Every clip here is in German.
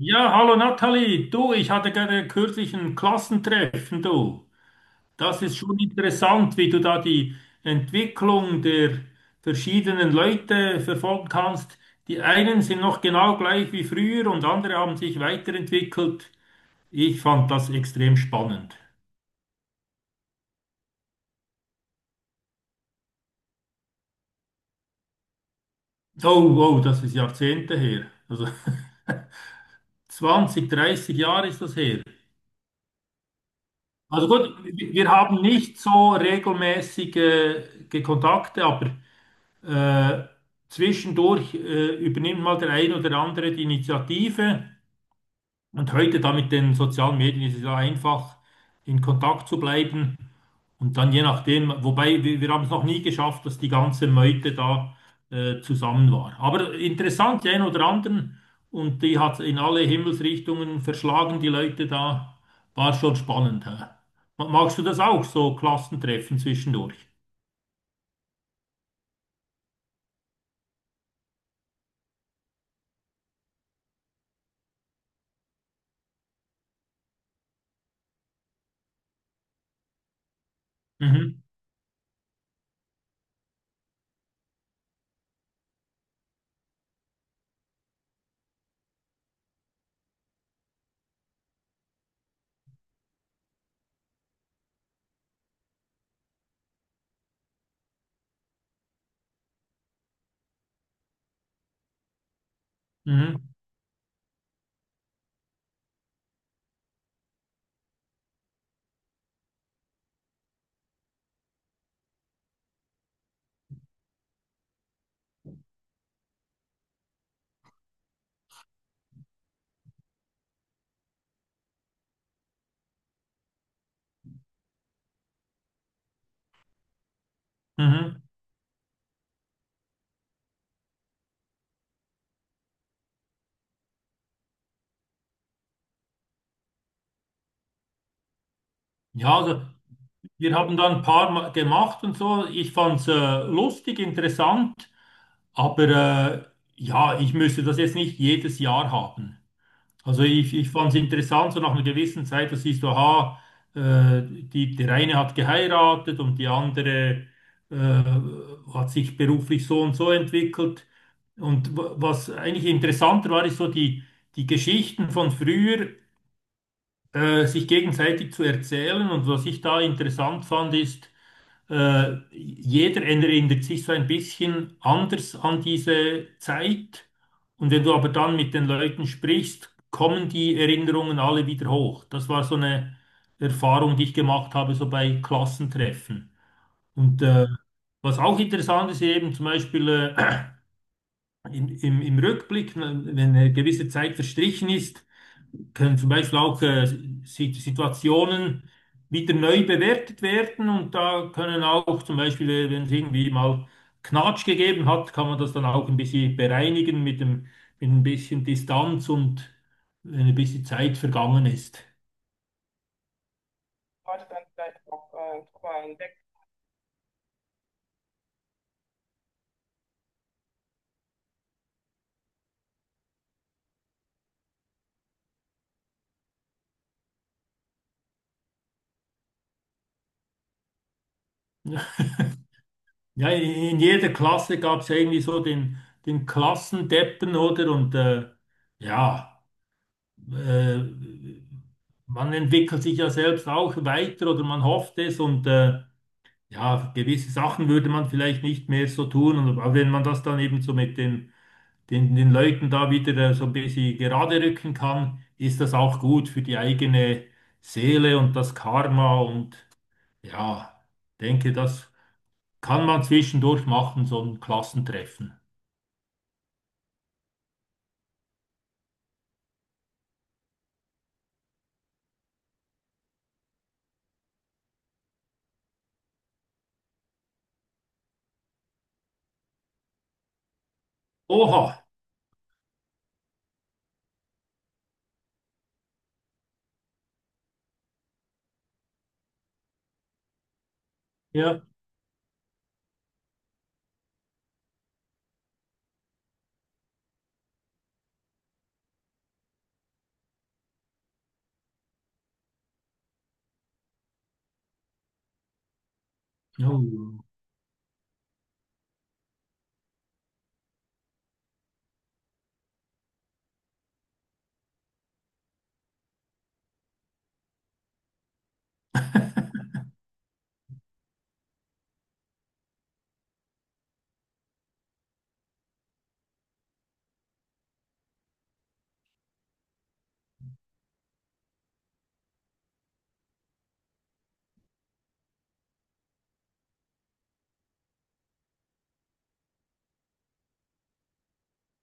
Ja, hallo Nathalie, du, ich hatte gerade kürzlich ein Klassentreffen, du. Das ist schon interessant, wie du da die Entwicklung der verschiedenen Leute verfolgen kannst. Die einen sind noch genau gleich wie früher und andere haben sich weiterentwickelt. Ich fand das extrem spannend. Oh, wow, das ist Jahrzehnte her. Also 20, 30 Jahre ist das her. Also gut, wir haben nicht so regelmäßige Kontakte, aber Äh, zwischendurch übernimmt mal der ein oder andere die Initiative. Und heute da mit den sozialen Medien ist es ja einfach, in Kontakt zu bleiben. Und dann je nachdem, wobei wir haben es noch nie geschafft, dass die ganze Meute da zusammen war. Aber interessant, die einen oder anderen. Und die hat in alle Himmelsrichtungen verschlagen, die Leute da. War schon spannend, hä? Magst du das auch, so Klassentreffen zwischendurch? Mhm, mhm, mhm. Ja, also, wir haben da ein paar Mal gemacht und so. Ich fand es lustig, interessant, aber äh, ja, ich müsste das jetzt nicht jedes Jahr haben. Also ich fand es interessant, so nach einer gewissen Zeit, dass siehst du, aha, die, der eine hat geheiratet und die andere äh, hat sich beruflich so und so entwickelt. Und was eigentlich interessanter war, ist so die Geschichten von früher, sich gegenseitig zu erzählen. Und was ich da interessant fand, ist, jeder erinnert sich so ein bisschen anders an diese Zeit. Und wenn du aber dann mit den Leuten sprichst, kommen die Erinnerungen alle wieder hoch. Das war so eine Erfahrung, die ich gemacht habe, so bei Klassentreffen. Und was auch interessant ist, eben zum Beispiel äh, im Rückblick, wenn eine gewisse Zeit verstrichen ist, können zum Beispiel auch Situationen wieder neu bewertet werden und da können auch zum Beispiel, wenn es irgendwie mal Knatsch gegeben hat, kann man das dann auch ein bisschen bereinigen mit dem, mit ein bisschen Distanz und wenn ein bisschen Zeit vergangen ist. Ja, in jeder Klasse gab es irgendwie so den Klassendeppen, oder? Und ja, äh, man entwickelt sich ja selbst auch weiter oder man hofft es und ja, gewisse Sachen würde man vielleicht nicht mehr so tun. Und aber wenn man das dann eben so mit den Leuten da wieder so ein bisschen gerade rücken kann, ist das auch gut für die eigene Seele und das Karma. Und ja, denke, das kann man zwischendurch machen, so ein Klassentreffen. Oha, ja. Oh.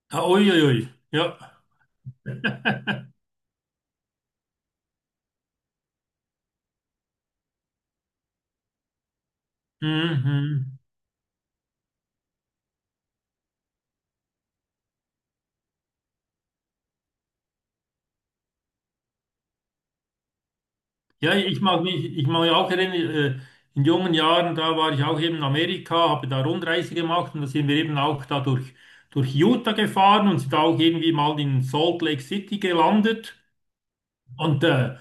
Ah, Uiuiui, ja. Mhm, mhm. Ja, ich mag mich auch erinnern, äh, in jungen Jahren, da war ich auch eben in Amerika, habe da Rundreise gemacht und da sind wir eben auch da durch Utah gefahren und sind auch irgendwie mal in Salt Lake City gelandet. Und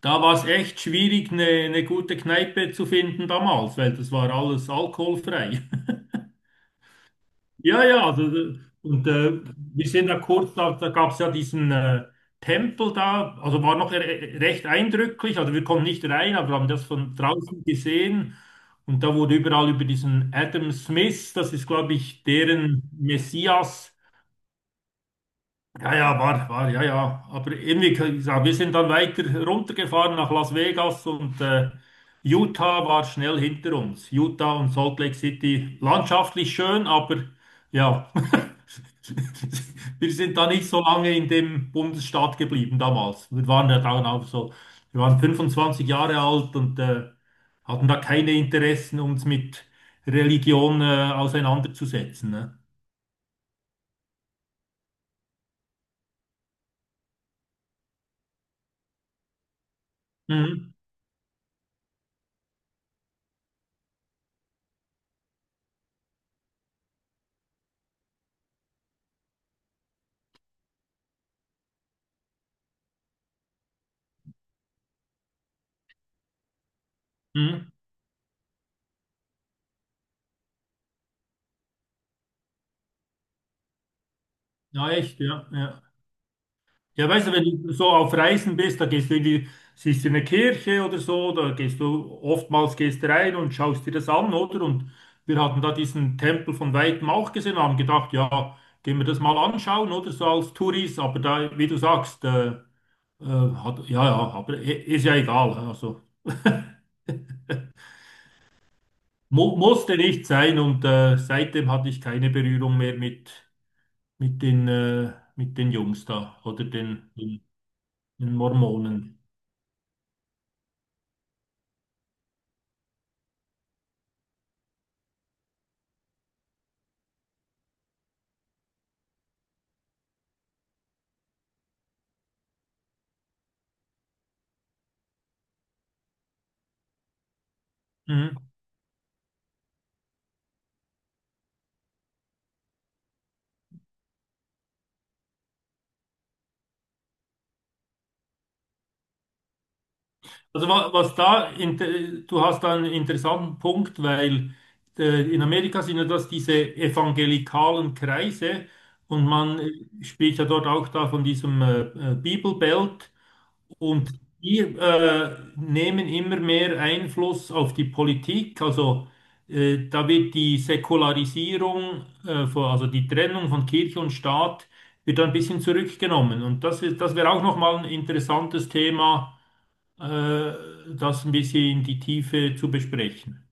da war es echt schwierig, eine gute Kneipe zu finden damals, weil das war alles alkoholfrei. Ja, ja, also, und wir sind da kurz, da gab es ja diesen Tempel da, also war noch re recht eindrücklich, also wir konnten nicht rein, aber haben das von draußen gesehen und da wurde überall über diesen Adam Smith, das ist glaube ich deren Messias, ja, ja, war, war, ja, ja. Aber irgendwie, ich sag, wir sind dann weiter runtergefahren nach Las Vegas und Utah war schnell hinter uns. Utah und Salt Lake City, landschaftlich schön, aber ja, wir sind da nicht so lange in dem Bundesstaat geblieben damals. Wir waren ja dann auch so, wir waren 25 Jahre alt und hatten da keine Interessen, uns mit Religion auseinanderzusetzen. Ne? Mhm. Mhm. Ja, echt, ja, ja. Ja, weißt du, wenn du so auf Reisen bist, da gehst du in die, siehst du eine Kirche oder so, da gehst du oftmals gehst du rein und schaust dir das an, oder? Und wir hatten da diesen Tempel von weitem auch gesehen, haben gedacht, ja, gehen wir das mal anschauen, oder so als Touris, aber da, wie du sagst, hat, ja, ja, aber ist ja egal, also mu musste nicht sein und seitdem hatte ich keine Berührung mehr mit den Jungs da oder den Mormonen. Mhm. Also was da, du hast da einen interessanten Punkt, weil in Amerika sind ja das diese evangelikalen Kreise und man spricht ja dort auch da von diesem Bibelbelt und die nehmen immer mehr Einfluss auf die Politik. Also da wird die Säkularisierung, von, also die Trennung von Kirche und Staat, wird da ein bisschen zurückgenommen. Und das ist, das wäre auch nochmal ein interessantes Thema äh, das ein bisschen in die Tiefe zu besprechen.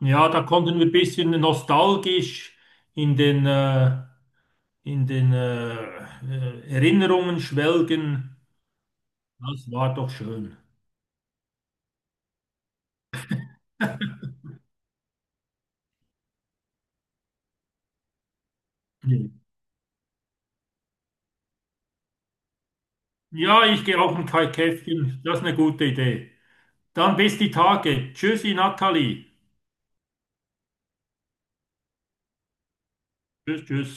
Ja, da konnten wir ein bisschen nostalgisch in den, äh, in den Erinnerungen schwelgen. Das war doch schön. Ja, ich gehe auch ein Kai-Käffchen. Das ist eine gute Idee. Dann bis die Tage. Tschüssi, Nathalie. Tschüss, tschüss.